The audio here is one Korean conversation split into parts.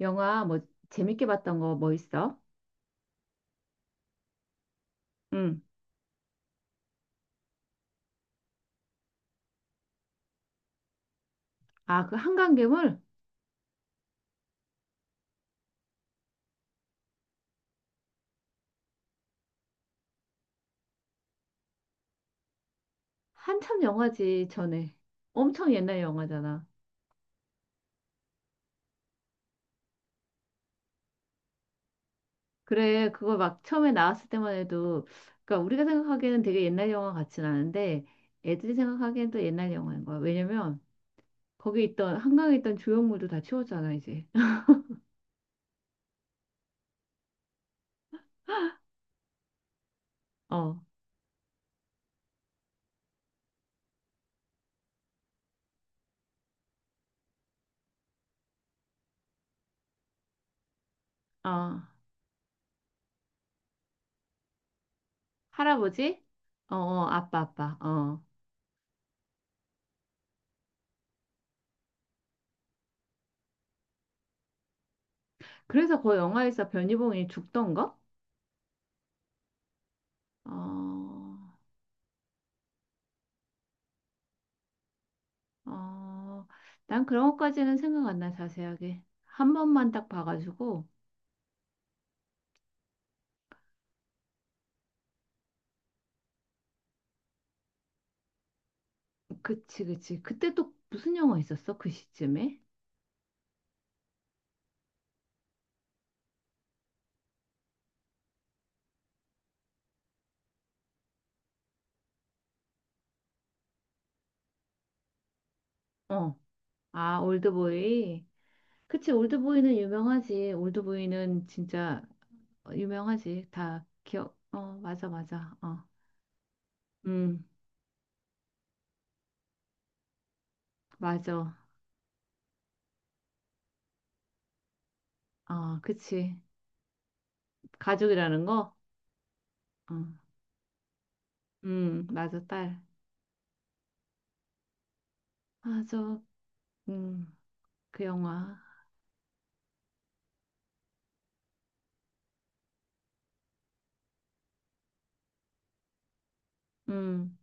영화 뭐 재밌게 봤던 거 뭐 있어? 응. 아, 그 한강괴물? 한참 영화지, 전에. 엄청 옛날 영화잖아. 그래, 그거 막 처음에 나왔을 때만 해도, 그러니까 우리가 생각하기에는 되게 옛날 영화 같진 않은데, 애들이 생각하기엔 또 옛날 영화인 거야. 왜냐면, 거기 있던, 한강에 있던 조형물도 다 치웠잖아, 이제. 어, 어, 할아버지? 어, 어, 아빠, 아빠, 어. 그래서 그 영화에서 변희봉이 죽던 거? 어. 어, 난 그런 것까지는 생각 안 나, 자세하게. 한 번만 딱 봐가지고. 그치, 그치. 그때 또 무슨 영화 있었어? 그 시점에? 어. 아, 올드보이. 그치, 올드보이는 유명하지. 올드보이는 진짜 어, 유명하지. 다 기억, 어, 맞아, 맞아. 어, 음, 맞아. 어, 그치. 가족이라는 거? 어, 맞아, 딸. 맞아. 음, 그 영화. 음,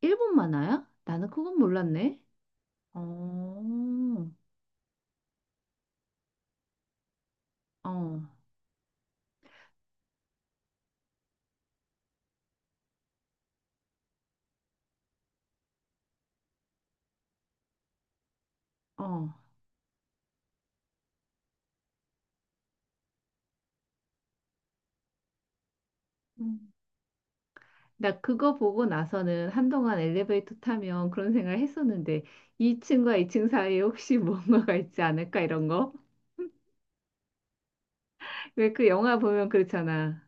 일본 만화야? 나는 그건 몰랐네. 어, 어, 어. 음. 나 그거 보고 나서는 한동안 엘리베이터 타면 그런 생각을 했었는데 2층과 2층 사이에 혹시 뭔가가 있지 않을까 이런 거? 왜 그 영화 보면 그렇잖아.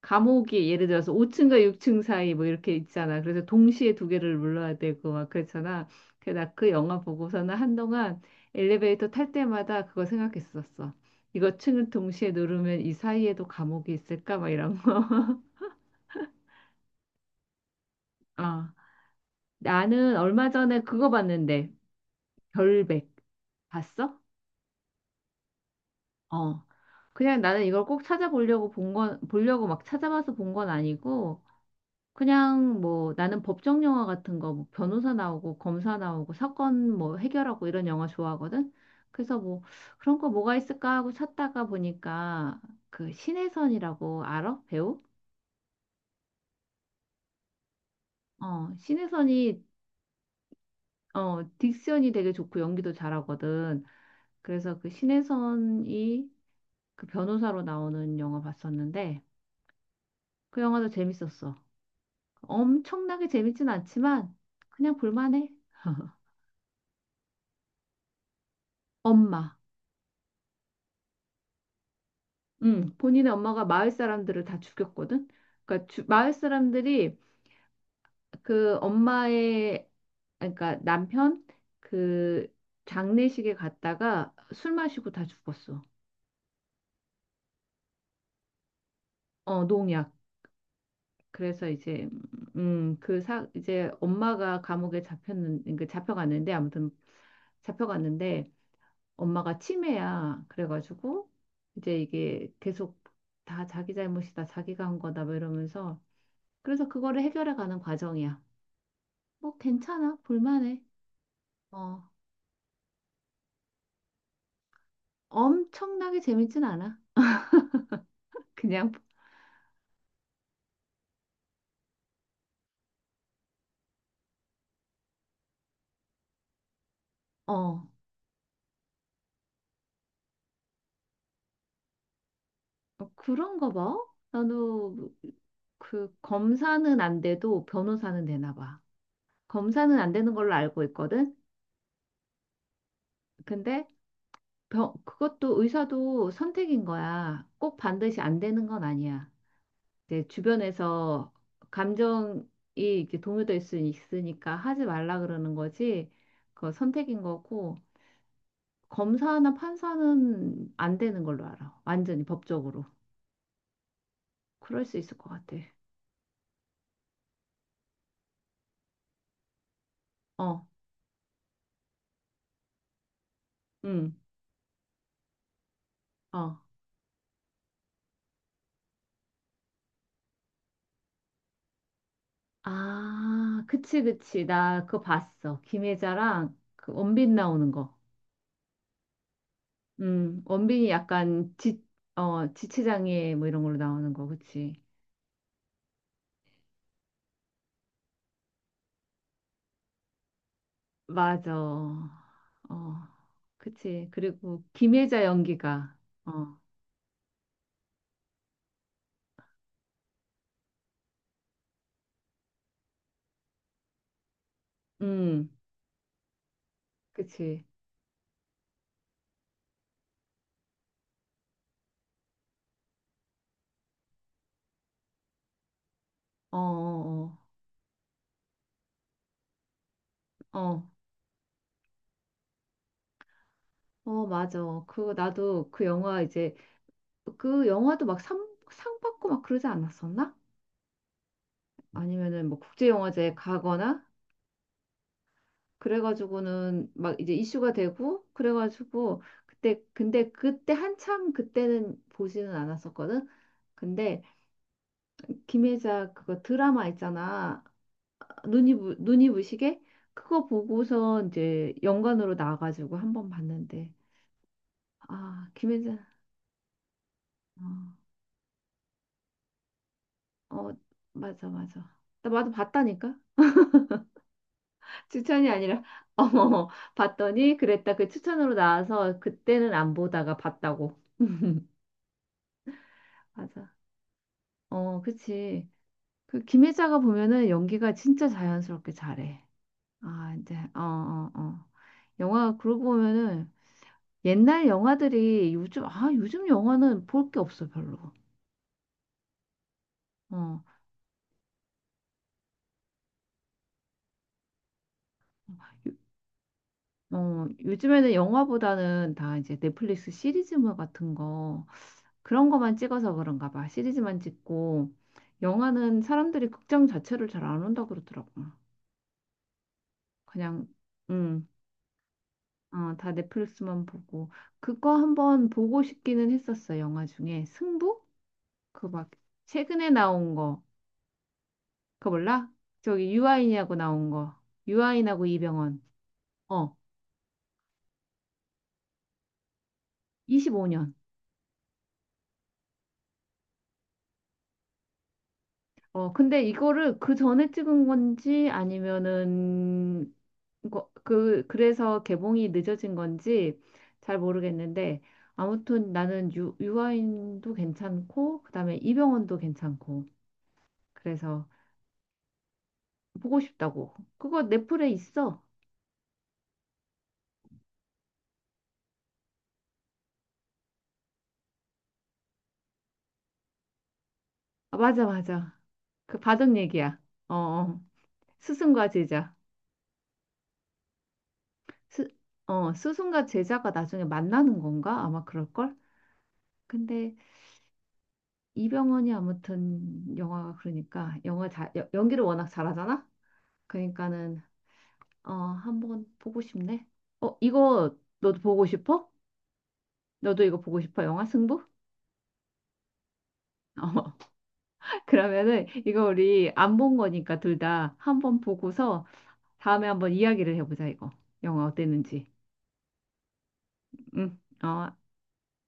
감옥이 예를 들어서 5층과 6층 사이 뭐 이렇게 있잖아. 그래서 동시에 두 개를 눌러야 되고 막 그렇잖아. 그래서 나 그 영화 보고서는 한동안 엘리베이터 탈 때마다 그거 생각했었어. 이거 층을 동시에 누르면 이 사이에도 감옥이 있을까? 막 이런 거. 어, 나는 얼마 전에 그거 봤는데, 별백. 봤어? 어. 그냥 나는 이걸 꼭 찾아보려고 본 건, 보려고 막 찾아봐서 본 건 아니고, 그냥 뭐 나는 법정 영화 같은 거, 뭐 변호사 나오고, 검사 나오고, 사건 뭐 해결하고 이런 영화 좋아하거든? 그래서 뭐 그런 거 뭐가 있을까 하고 찾다가 보니까 그 신혜선이라고 알아? 배우? 어, 신혜선이, 어, 딕션이 되게 좋고 연기도 잘하거든. 그래서 그 신혜선이 그 변호사로 나오는 영화 봤었는데 그 영화도 재밌었어. 엄청나게 재밌진 않지만 그냥 볼만해. 엄마. 응, 본인의 엄마가 마을 사람들을 다 죽였거든. 그러니까 마을 사람들이 그 엄마의 그러니까 남편 그 장례식에 갔다가 술 마시고 다 죽었어. 어, 농약. 그래서 이제 그 사 이제 엄마가 감옥에 잡혔는 그 잡혀갔는데 아무튼 잡혀갔는데 엄마가 치매야. 그래가지고 이제 이게 계속 다 자기 잘못이다, 자기가 한 거다, 뭐 이러면서. 그래서 그거를 해결해 가는 과정이야. 뭐 괜찮아, 볼만해. 어, 엄청나게 재밌진 않아. 그냥, 어, 그런가 봐. 나도 그 검사는 안 돼도 변호사는 되나 봐. 검사는 안 되는 걸로 알고 있거든. 근데 그것도 의사도 선택인 거야. 꼭 반드시 안 되는 건 아니야. 이제 주변에서 감정이 이렇게 동요될 수 있으니까 하지 말라 그러는 거지. 그 선택인 거고 검사나 판사는 안 되는 걸로 알아. 완전히 법적으로. 그럴 수 있을 것 같아. 어, 응, 어. 아, 그치, 그치. 나 그거 봤어. 김혜자랑 그 원빈 나오는 거. 원빈이 약간 지체장애 뭐 이런 걸로 나오는 거, 그치? 맞아. 어, 그치. 그리고 김혜자 연기가, 어, 음, 그치. 어, 어, 어, 어, 어, 맞아. 그, 나도 그 영화 이제, 그 영화도 막 상 받고 막 그러지 않았었나? 아니면은 뭐 국제영화제 가거나, 그래가지고는 막 이제 이슈가 되고, 그래가지고, 그때, 근데 그때 한참 그때는 보지는 않았었거든? 근데 김혜자 그거 드라마 있잖아. 눈이 부시게 그거 보고서 이제 연관으로 나와가지고 한 번 봤는데 아, 김혜자. 어, 어, 맞아, 맞아. 나 나도 봤다니까. 추천이 아니라, 어, 봤더니 그랬다. 그 추천으로 나와서 그때는 안 보다가 봤다고. 맞아. 어, 그치. 그 김혜자가 보면은 연기가 진짜 자연스럽게 잘해. 아, 이제, 어, 어, 어. 영화 그러고 보면은 옛날 영화들이 요즘 영화는 볼 게 없어, 별로. 어, 요- 요즘에는 영화보다는 다 이제 넷플릭스 시리즈물 같은 거, 그런 거만 찍어서 그런가 봐. 시리즈만 찍고 영화는 사람들이 극장 자체를 잘 안 온다 그러더라고. 그냥, 음, 어, 다 넷플릭스만 보고. 그거 한번 보고 싶기는 했었어. 영화 중에 승부? 그 막 최근에 나온 거. 그거 몰라? 저기 유아인이하고 나온 거. 유아인하고 이병헌. 어, 25년. 어, 근데 이거를 그 전에 찍은 건지 아니면은 그래서 개봉이 늦어진 건지 잘 모르겠는데, 아무튼 나는 유아인도 괜찮고 그다음에 이병헌도 괜찮고, 그래서 보고 싶다고. 그거 넷플에 있어. 아, 맞아, 맞아. 그 바둑 얘기야. 어, 어. 스승과 제자. 스, 스승과 제자가 나중에 만나는 건가? 아마 그럴걸? 근데 이병헌이 아무튼 영화가, 그러니까 영화 잘 연기를 워낙 잘하잖아. 그러니까는 어, 한번 보고 싶네. 어, 이거 너도 보고 싶어? 너도 이거 보고 싶어? 영화 승부? 어, 그러면은 이거 우리 안 본 거니까 둘 다 한번 보고서 다음에 한번 이야기를 해보자. 이거 영화 어땠는지. 응. 어.